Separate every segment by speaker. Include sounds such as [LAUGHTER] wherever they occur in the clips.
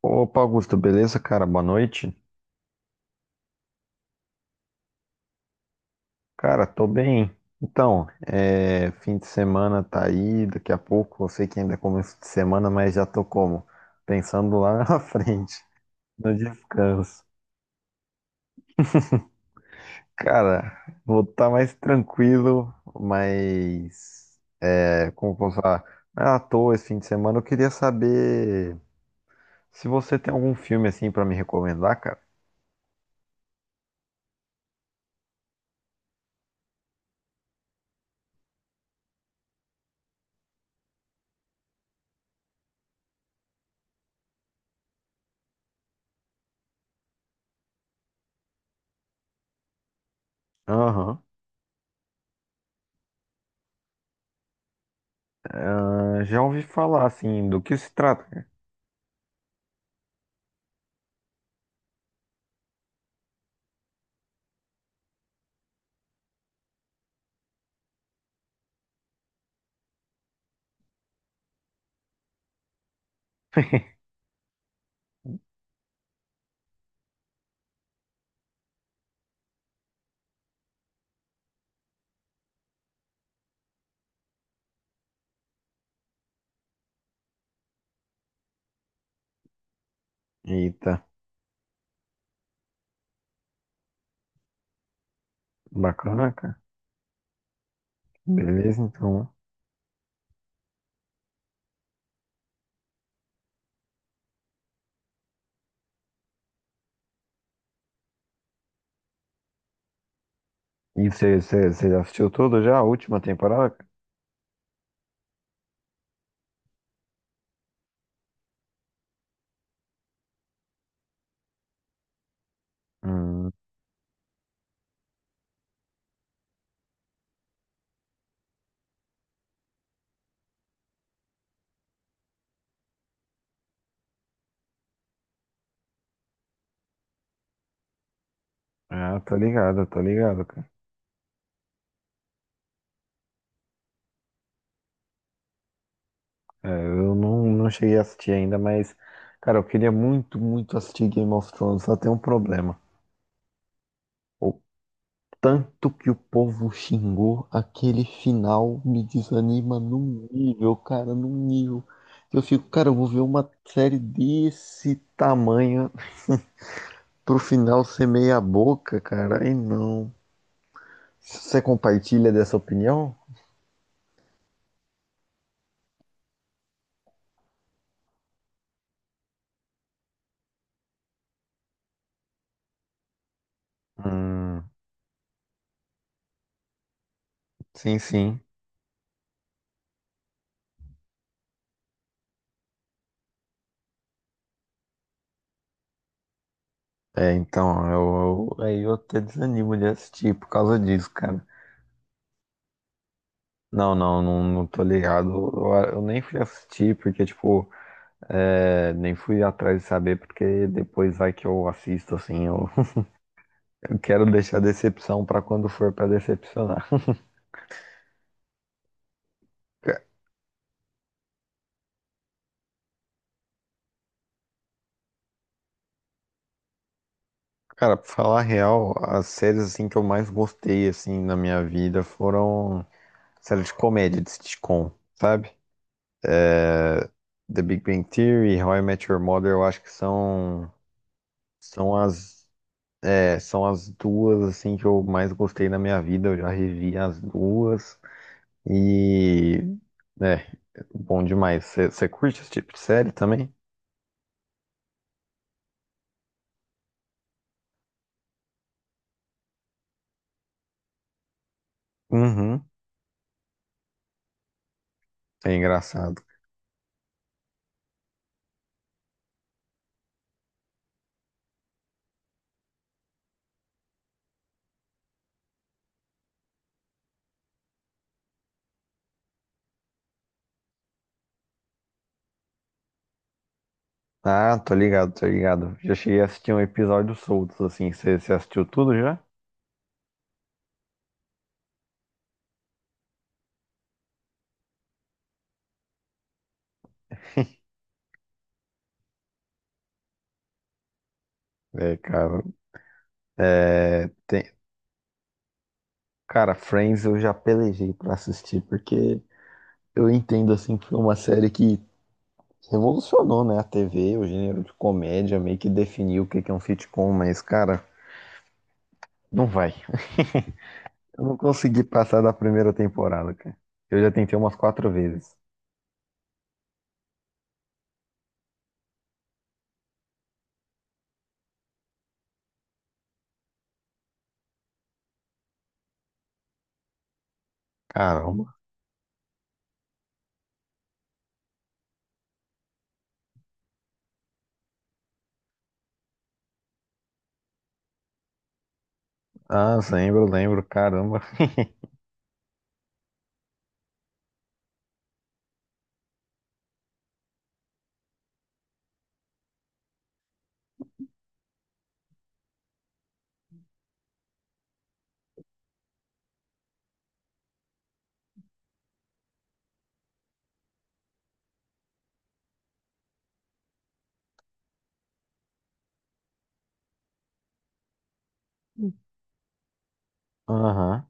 Speaker 1: Opa, Augusto, beleza, cara? Boa noite. Cara, tô bem. Então, fim de semana tá aí, daqui a pouco, eu sei que ainda é começo de semana, mas já tô como? Pensando lá na [LAUGHS] frente, no descanso. Cara, vou estar mais tranquilo, mas é, como eu posso falar, não é à toa esse fim de semana. Eu queria saber se você tem algum filme assim pra me recomendar, cara. Aham. Ah, já ouvi falar assim, do que se trata, cara? [LAUGHS] Eita. Bacana, cara. Beleza, então. E você já assistiu tudo já? A última temporada, cara? Hum, ah, tô ligado, cara. É, eu não cheguei a assistir ainda, mas, cara, eu queria muito, muito assistir Game of Thrones, só tem um problema. O tanto que o povo xingou, aquele final me desanima num nível, cara, num nível. Eu fico, cara, eu vou ver uma série desse tamanho pro final ser meia boca, cara. Aí não. Você compartilha dessa opinião? Hum, sim, sim. É, então, aí eu até desanimo de assistir por causa disso, cara. Não, não, não, não tô ligado. Eu nem fui assistir porque, tipo, nem fui atrás de saber porque depois vai que eu assisto, assim. Eu, [LAUGHS] eu quero deixar decepção pra quando for pra decepcionar. Ca- Cara, pra falar a real, as séries, assim, que eu mais gostei, assim, na minha vida foram séries de comédia, de sitcom, sabe? The Big Bang Theory, How I Met Your Mother, eu acho que são as, são as duas assim que eu mais gostei na minha vida. Eu já revi as duas e é bom demais. Você curte esse tipo de série também? Uhum, é engraçado. Ah, tô ligado, tô ligado. Já cheguei a assistir um episódio soltos assim. Você assistiu tudo já? É, cara, é, tem- Cara, Friends eu já pelejei pra assistir, porque eu entendo assim que foi uma série que revolucionou, né, a TV, o gênero de comédia, meio que definiu o que que é um sitcom, mas, cara, não vai. Eu não consegui passar da primeira temporada, cara. Eu já tentei umas quatro vezes. Caramba. Ah, lembro, lembro, caramba. Aham.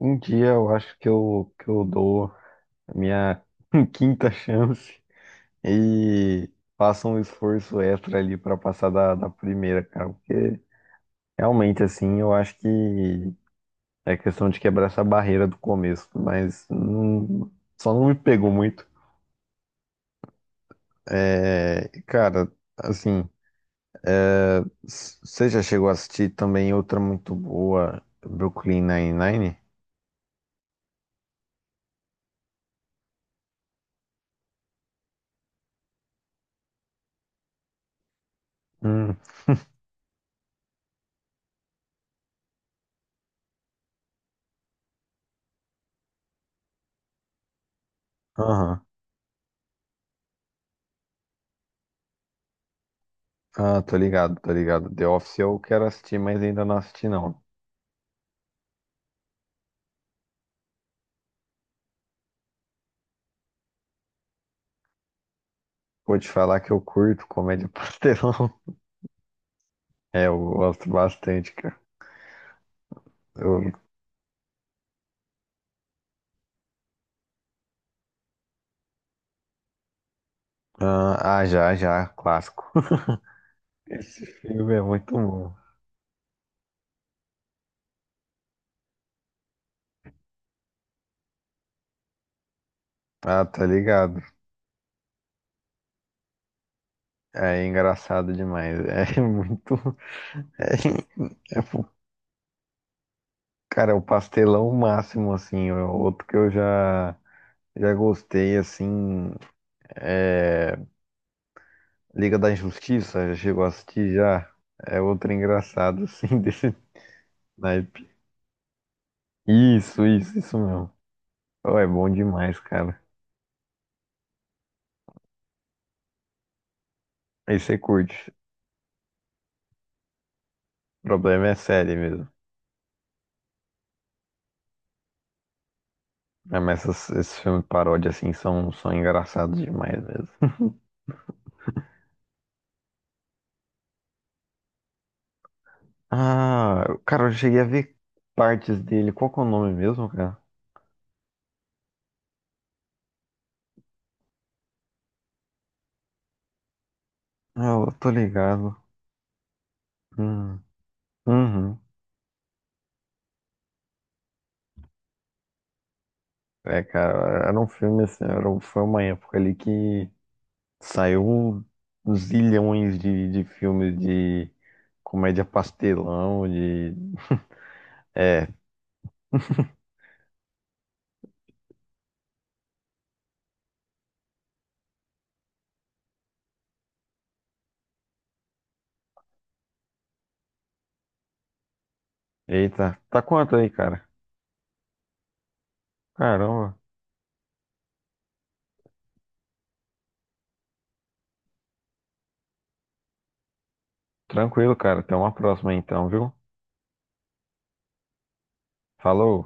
Speaker 1: Um dia eu acho que que eu dou a minha [LAUGHS] quinta chance e faço um esforço extra ali pra passar da primeira, cara, porque realmente, assim, eu acho que é questão de quebrar essa barreira do começo, mas só não me pegou muito. É, cara, assim, você já chegou a assistir também outra muito boa, Brooklyn Nine-Nine? Hum, aham. Ah, tô ligado, tô ligado. The Office eu quero assistir, mas ainda não assisti não. Vou te falar que eu curto comédia [LAUGHS] pastelão. É, eu gosto bastante, cara. Eu- Ah, ah, já, já, clássico. [LAUGHS] Esse filme é muito bom. Ah, tá ligado. É engraçado demais. É [LAUGHS] muito. É, é, fu- cara, é o pastelão máximo, assim. É outro que eu já gostei, assim. É Liga da Injustiça, já chegou a assistir já. É outro engraçado, assim, [LAUGHS] desse naipe. Isso mesmo. Oh, é bom demais, cara. Aí você curte. O problema é série mesmo. É, mas esses filmes de paródia, assim, são engraçados demais mesmo. Ah, cara, eu cheguei a ver partes dele. Qual que é o nome mesmo, cara? Ah, eu tô ligado. Hum, Uhum. É, cara, era um filme assim, foi uma época ali que saiu um zilhões de filmes de comédia pastelão, de... Eita, tá quanto aí, cara? Caramba. Tranquilo, cara. Até uma próxima então, viu? Falou.